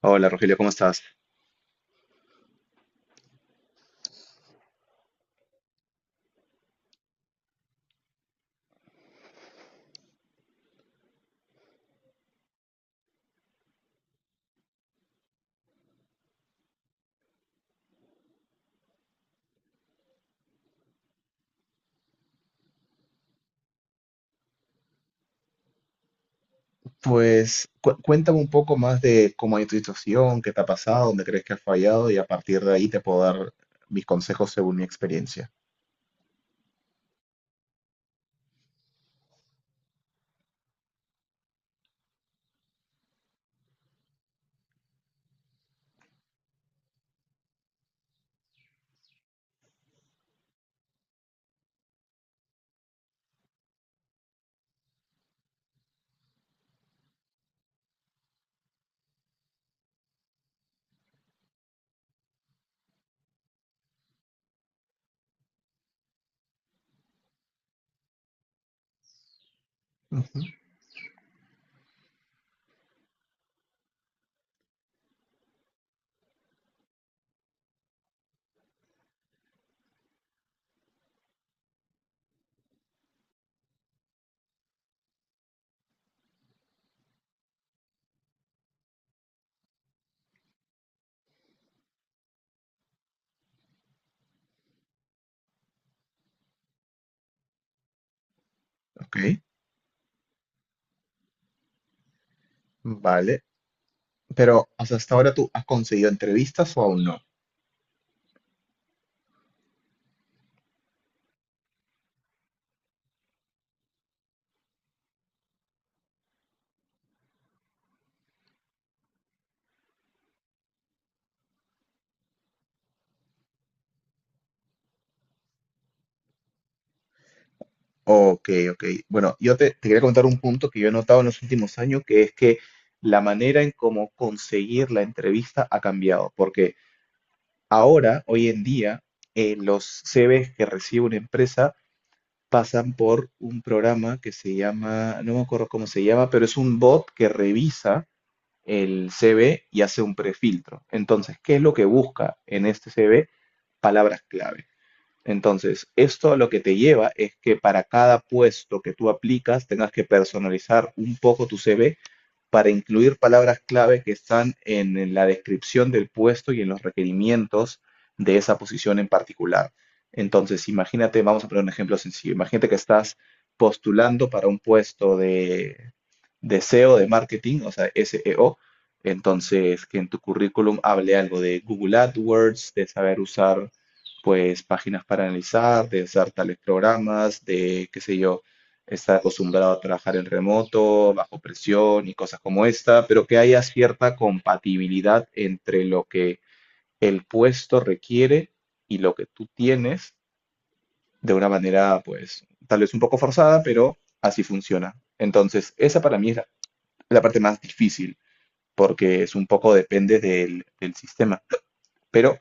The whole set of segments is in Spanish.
Hola Rogelio, ¿cómo estás? Pues cuéntame un poco más de cómo hay tu situación, qué te ha pasado, dónde crees que has fallado y a partir de ahí te puedo dar mis consejos según mi experiencia. Ujú. Ok, vale. Pero ¿hasta ahora tú has conseguido entrevistas o aún no? Ok, ok. Bueno, te quería contar un punto que yo he notado en los últimos años, que es que la manera en cómo conseguir la entrevista ha cambiado, porque ahora, hoy en día, los CVs que recibe una empresa pasan por un programa que se llama, no me acuerdo cómo se llama, pero es un bot que revisa el CV y hace un prefiltro. Entonces, ¿qué es lo que busca en este CV? Palabras clave. Entonces, esto lo que te lleva es que para cada puesto que tú aplicas tengas que personalizar un poco tu CV para incluir palabras clave que están en la descripción del puesto y en los requerimientos de esa posición en particular. Entonces, imagínate, vamos a poner un ejemplo sencillo. Imagínate que estás postulando para un puesto de SEO, de marketing, o sea, SEO. Entonces, que en tu currículum hable algo de Google AdWords, de saber usar pues páginas para analizar, de usar tales programas, de, qué sé yo, estar acostumbrado a trabajar en remoto, bajo presión y cosas como esta, pero que haya cierta compatibilidad entre lo que el puesto requiere y lo que tú tienes de una manera, pues, tal vez un poco forzada, pero así funciona. Entonces, esa para mí es la parte más difícil, porque es un poco depende del sistema. Pero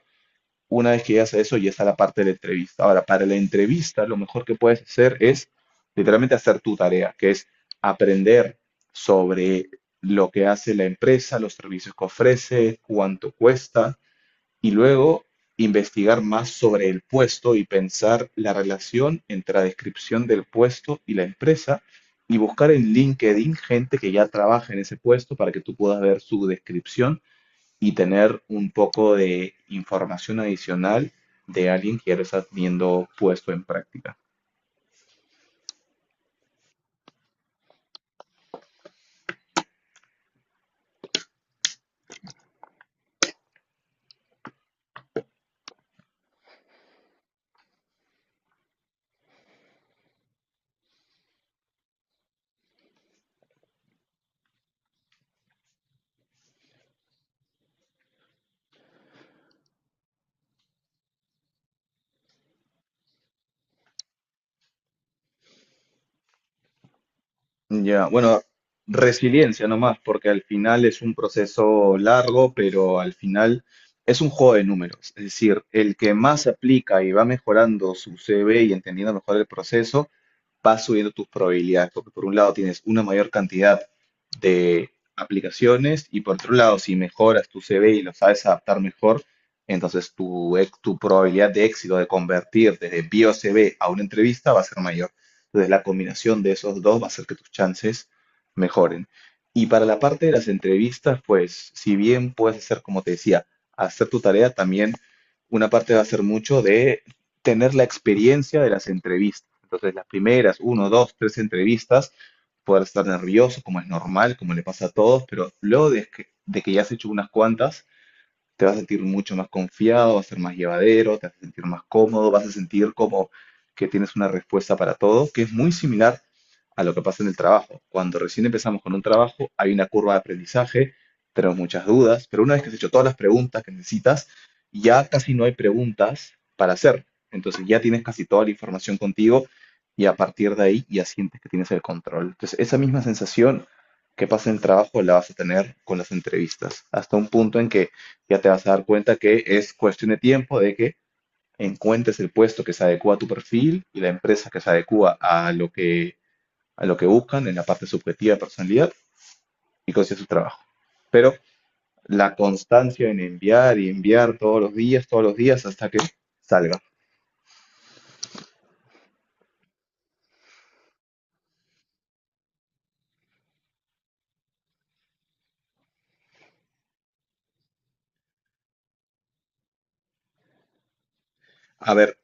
una vez que llegas a eso, ya está la parte de la entrevista. Ahora, para la entrevista, lo mejor que puedes hacer es literalmente hacer tu tarea, que es aprender sobre lo que hace la empresa, los servicios que ofrece, cuánto cuesta, y luego investigar más sobre el puesto y pensar la relación entre la descripción del puesto y la empresa y buscar en LinkedIn gente que ya trabaja en ese puesto para que tú puedas ver su descripción y tener un poco de información adicional de alguien que ya lo estás viendo puesto en práctica. Ya, bueno, resiliencia nomás, porque al final es un proceso largo, pero al final es un juego de números. Es decir, el que más aplica y va mejorando su CV y entendiendo mejor el proceso, vas subiendo tus probabilidades, porque por un lado tienes una mayor cantidad de aplicaciones y por otro lado, si mejoras tu CV y lo sabes adaptar mejor, entonces tu probabilidad de éxito de convertir desde bio CV a una entrevista va a ser mayor. Entonces la combinación de esos dos va a hacer que tus chances mejoren. Y para la parte de las entrevistas, pues si bien puedes hacer, como te decía, hacer tu tarea, también una parte va a ser mucho de tener la experiencia de las entrevistas. Entonces, las primeras, uno, dos, tres entrevistas, poder estar nervioso, como es normal, como le pasa a todos, pero luego de que ya has hecho unas cuantas, te vas a sentir mucho más confiado, va a ser más llevadero, te vas a sentir más cómodo, vas a sentir como que tienes una respuesta para todo, que es muy similar a lo que pasa en el trabajo. Cuando recién empezamos con un trabajo, hay una curva de aprendizaje, tenemos muchas dudas, pero una vez que has hecho todas las preguntas que necesitas, ya casi no hay preguntas para hacer. Entonces ya tienes casi toda la información contigo y a partir de ahí ya sientes que tienes el control. Entonces esa misma sensación que pasa en el trabajo la vas a tener con las entrevistas, hasta un punto en que ya te vas a dar cuenta que es cuestión de tiempo de que encuentres el puesto que se adecua a tu perfil y la empresa que se adecua a lo que buscan en la parte subjetiva de personalidad y consigas su trabajo. Pero la constancia en enviar y enviar todos los días hasta que salga. A ver,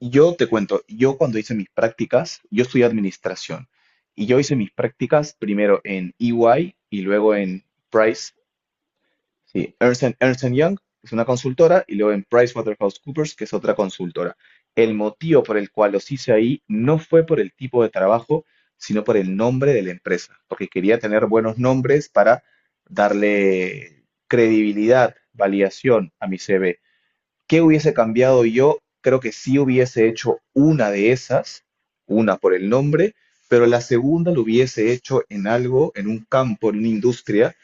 yo te cuento, yo cuando hice mis prácticas, yo estudié administración y yo hice mis prácticas primero en EY y luego en Price. Sí, Ernst and Young es una consultora y luego en PricewaterhouseCoopers, que es otra consultora. El motivo por el cual los hice ahí no fue por el tipo de trabajo, sino por el nombre de la empresa, porque quería tener buenos nombres para darle credibilidad, validación a mi CV. ¿Qué hubiese cambiado yo? Creo que sí hubiese hecho una de esas, una por el nombre, pero la segunda lo hubiese hecho en algo, en un campo, en una industria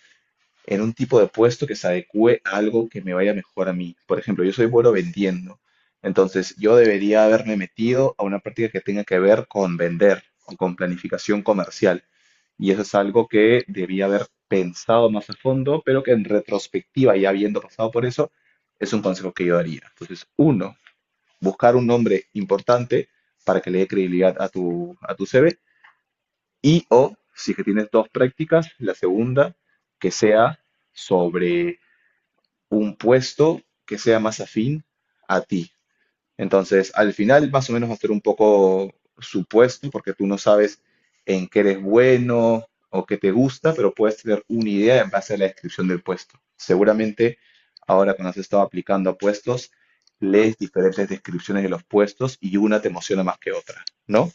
en un tipo de puesto que se adecue a algo que me vaya mejor a mí. Por ejemplo, yo soy bueno vendiendo, entonces yo debería haberme metido a una práctica que tenga que ver con vender o con planificación comercial. Y eso es algo que debía haber pensado más a fondo, pero que en retrospectiva, ya habiendo pasado por eso, es un consejo que yo daría. Entonces, uno, buscar un nombre importante para que le dé credibilidad a a tu CV. Y o, si es que tienes dos prácticas, la segunda, que sea sobre un puesto que sea más afín a ti. Entonces, al final, más o menos va a ser un poco supuesto, porque tú no sabes en qué eres bueno o qué te gusta, pero puedes tener una idea en base a la descripción del puesto. Seguramente, ahora cuando has estado aplicando a puestos, lees diferentes descripciones de los puestos y una te emociona más que otra, ¿no?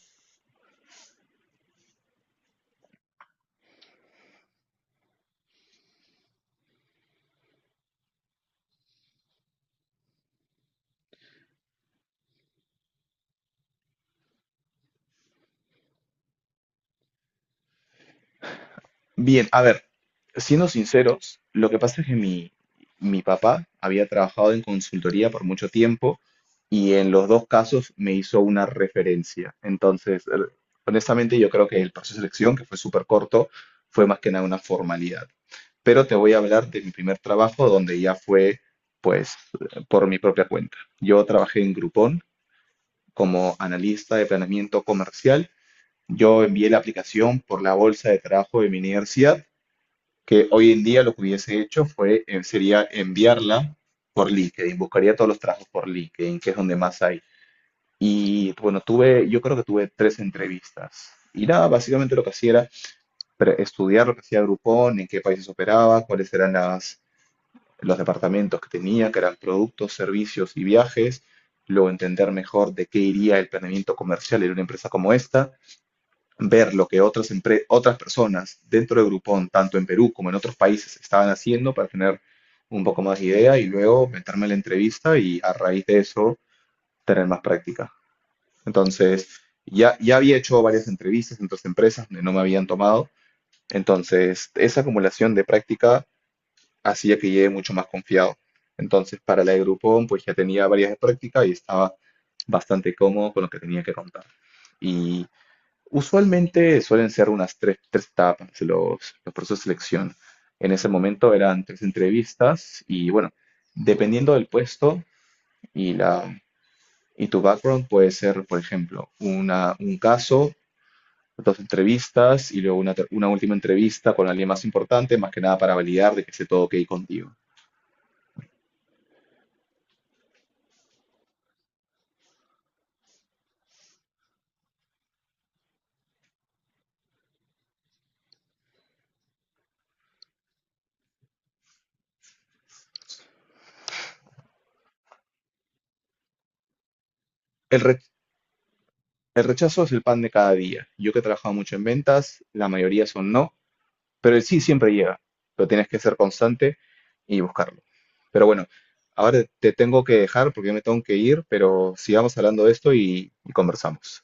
Bien, a ver, siendo sinceros, lo que pasa es que mi papá había trabajado en consultoría por mucho tiempo y en los dos casos me hizo una referencia. Entonces, honestamente, yo creo que el proceso de selección, que fue súper corto, fue más que nada una formalidad. Pero te voy a hablar de mi primer trabajo, donde ya fue, pues, por mi propia cuenta. Yo trabajé en Groupon como analista de planeamiento comercial. Yo envié la aplicación por la bolsa de trabajo de mi universidad que hoy en día lo que hubiese hecho fue, sería enviarla por LinkedIn, buscaría todos los trabajos por LinkedIn, que es donde más hay. Y bueno, yo creo que tuve tres entrevistas. Y nada, básicamente lo que hacía era estudiar lo que hacía Groupon, en qué países operaba, cuáles eran los departamentos que tenía, que eran productos, servicios y viajes. Luego entender mejor de qué iría el planeamiento comercial en una empresa como esta ver lo que otras personas dentro de Groupon, tanto en Perú como en otros países, estaban haciendo para tener un poco más de idea y luego meterme en la entrevista y a raíz de eso tener más práctica. Entonces, ya había hecho varias entrevistas en otras empresas donde no me habían tomado, entonces esa acumulación de práctica hacía que llegue mucho más confiado. Entonces, para la de Groupon, pues ya tenía varias de práctica y estaba bastante cómodo con lo que tenía que contar. Y usualmente suelen ser unas tres etapas los procesos de selección. En ese momento eran tres entrevistas y bueno, dependiendo del puesto y, la, y tu background puede ser, por ejemplo, una, un caso, dos entrevistas y luego una última entrevista con alguien más importante, más que nada para validar de que esté todo ok contigo. El, re- el rechazo es el pan de cada día. Yo que he trabajado mucho en ventas, la mayoría son no. Pero el sí siempre llega, pero tienes que ser constante y buscarlo. Pero bueno, ahora te tengo que dejar porque yo me tengo que ir, pero sigamos hablando de esto y conversamos.